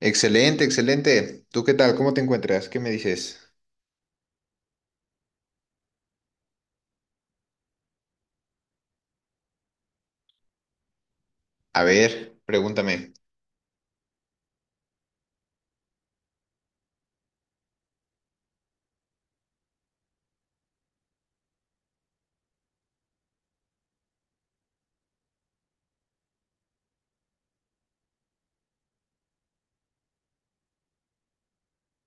Excelente, excelente. ¿Tú qué tal? ¿Cómo te encuentras? ¿Qué me dices? A ver, pregúntame.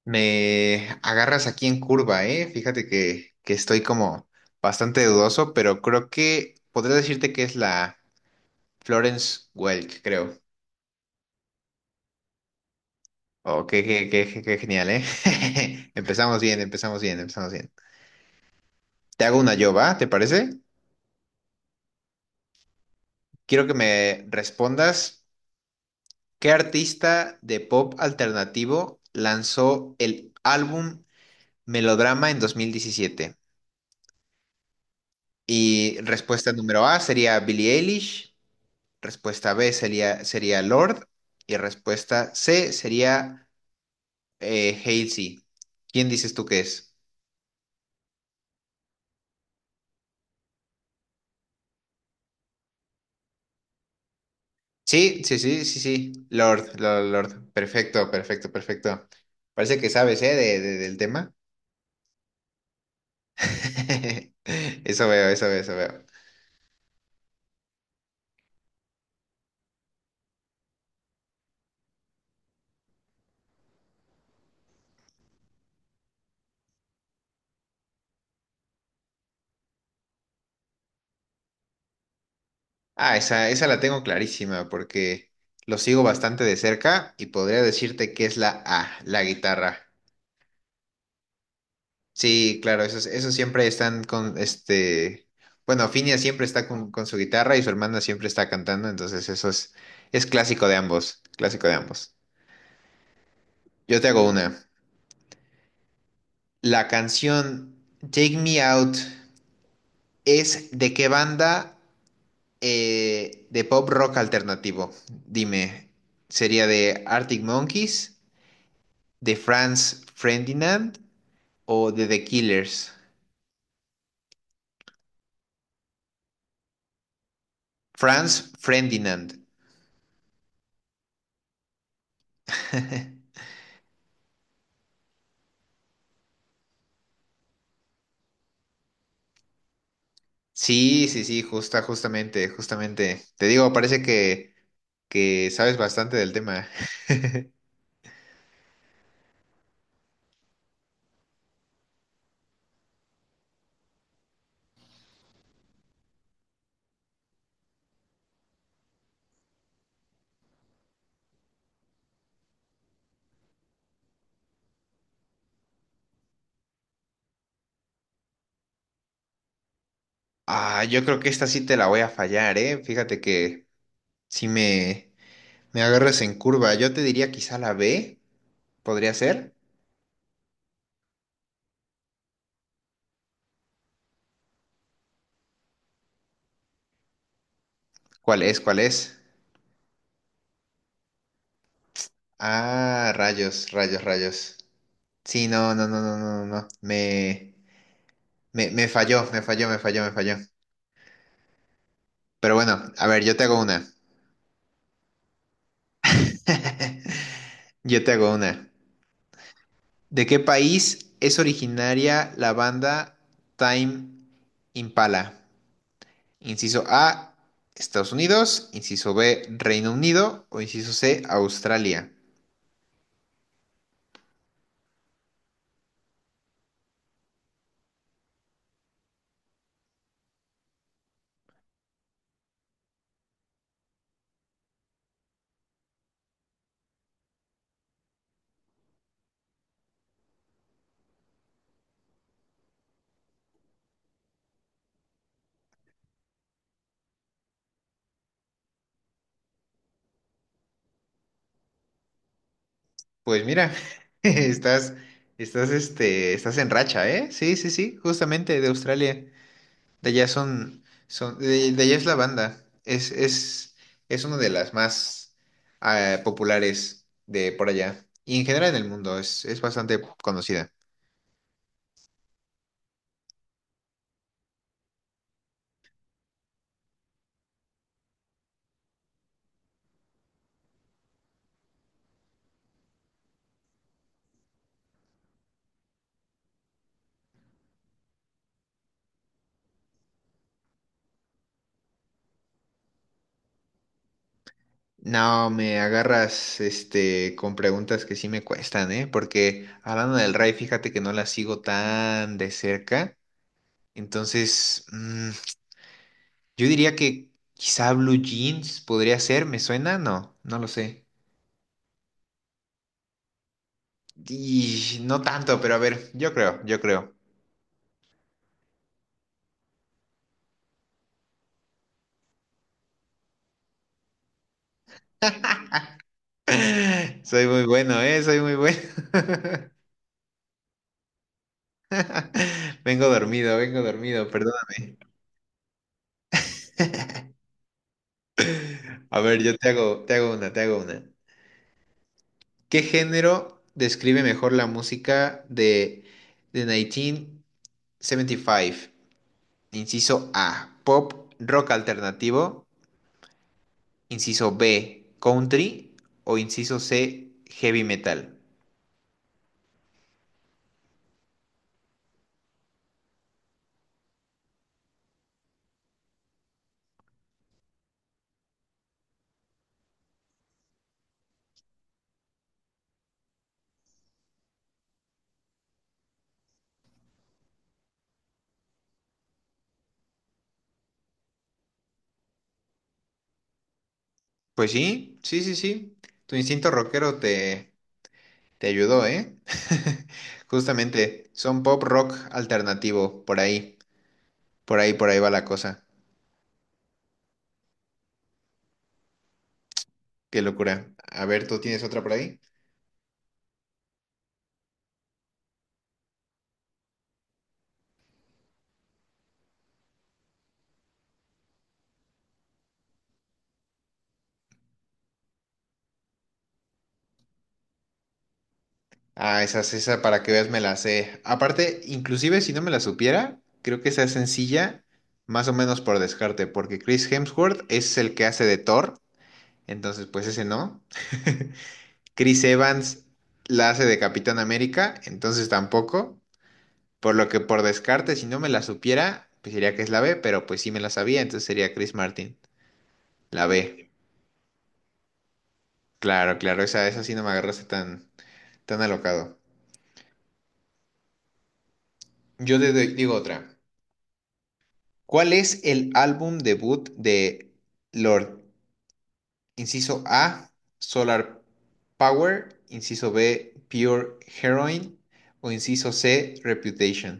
Me agarras aquí en curva, ¿eh? Fíjate que estoy como bastante dudoso, pero creo que podría decirte que es la Florence Welk, creo. Oh, qué genial, ¿eh? Empezamos bien, empezamos bien, empezamos bien. Te hago una yo, ¿va? ¿Te parece? Quiero que me respondas, ¿qué artista de pop alternativo lanzó el álbum Melodrama en 2017? Y respuesta número A sería Billie Eilish, respuesta B sería Lord y respuesta C sería Halsey. ¿Quién dices tú que es? Sí, sí, sí, sí, sí, Lord, Lord, Lord. Perfecto, perfecto, perfecto. Parece que sabes, ¿eh? Del tema. Eso veo, eso veo, eso veo. Ah, esa la tengo clarísima porque lo sigo bastante de cerca y podría decirte que es la A, la guitarra. Sí, claro, esos, esos siempre están con este. Bueno, Finia siempre está con su guitarra y su hermana siempre está cantando, entonces eso es clásico de ambos, clásico de ambos. Yo te hago una. La canción Take Me Out es de qué banda, de pop rock alternativo. Dime, ¿sería de Arctic Monkeys, de Franz Ferdinand o de The Killers? Franz Ferdinand. Sí, sí, sí, justa, justamente, justamente. Te digo, parece que sabes bastante del tema. Ah, yo creo que esta sí te la voy a fallar, ¿eh? Fíjate que si me, me agarras en curva, yo te diría quizá la B, podría ser. ¿Cuál es? ¿Cuál es? Ah, rayos, rayos, rayos. Sí, no, no, no, no, no, no, no. Me falló, me falló, me falló, me falló. Pero bueno, a ver, yo te hago una. Yo te hago una. ¿De qué país es originaria la banda Time Impala? Inciso A, Estados Unidos, inciso B, Reino Unido o inciso C, Australia. Pues mira, estás, estás, este, estás en racha, ¿eh? Sí, sí, sí, justamente de Australia. De allá son, son, de allá es la banda. Es una de las más populares de por allá. Y en general en el mundo es bastante conocida. No, me agarras este con preguntas que sí me cuestan, ¿eh? Porque hablando del Rai, fíjate que no la sigo tan de cerca. Entonces, yo diría que quizá Blue Jeans podría ser, ¿me suena? No, no lo sé. Y no tanto, pero a ver, yo creo, yo creo. Soy muy bueno, ¿eh? Soy muy bueno. Vengo dormido, perdóname. A ver, yo te hago una, te hago una. ¿Qué género describe mejor la música de 1975? Inciso A, pop, rock alternativo. Inciso B, country. O inciso C, heavy metal. Pues sí, sí, sí, sí. Tu instinto rockero te, te ayudó, ¿eh? Justamente, son pop, rock alternativo, por ahí. Por ahí, por ahí va la cosa. Qué locura. A ver, ¿tú tienes otra por ahí? Ah, esa para que veas me la sé. Aparte, inclusive si no me la supiera, creo que esa es sencilla, más o menos por descarte, porque Chris Hemsworth es el que hace de Thor, entonces pues ese no. Chris Evans la hace de Capitán América, entonces tampoco. Por lo que por descarte, si no me la supiera, pues diría que es la B, pero pues sí me la sabía, entonces sería Chris Martin. La B. Claro, claro, esa sí no me agarraste tan, tan alocado. Digo otra. ¿Cuál es el álbum debut de Lord? Inciso A, Solar Power, inciso B, Pure Heroine o inciso C, Reputation.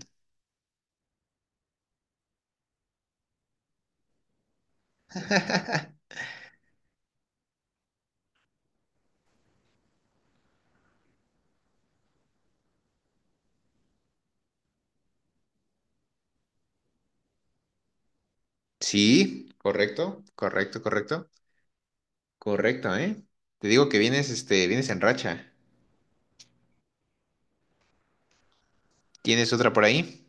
Sí, correcto, correcto, correcto. Correcto, ¿eh? Te digo que vienes, este, vienes en racha. ¿Tienes otra por ahí?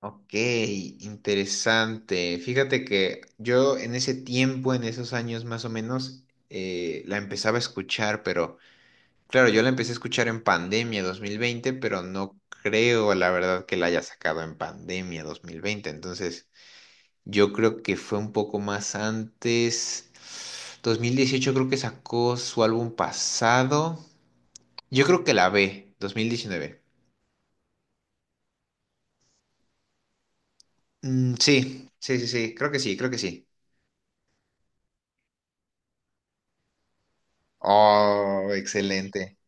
Ok, interesante. Fíjate que yo en ese tiempo, en esos años más o menos, la empezaba a escuchar, pero... Claro, yo la empecé a escuchar en pandemia 2020, pero no creo, la verdad, que la haya sacado en pandemia 2020. Entonces, yo creo que fue un poco más antes. 2018 creo que sacó su álbum pasado. Yo creo que la B, 2019. Sí, sí, sí, sí, creo que sí, creo que sí. Oh, excelente,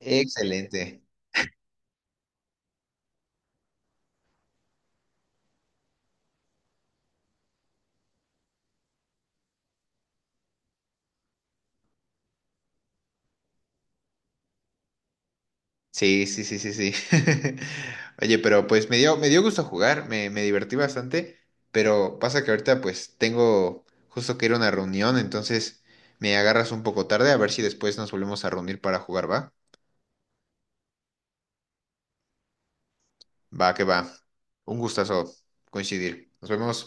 excelente. Sí, sí, sí, sí, sí. Oye, pero pues me dio gusto jugar, me divertí bastante, pero pasa que ahorita pues tengo justo que ir a una reunión, entonces me agarras un poco tarde, a ver si después nos volvemos a reunir para jugar, ¿va? Va, que va. Un gustazo coincidir. Nos vemos.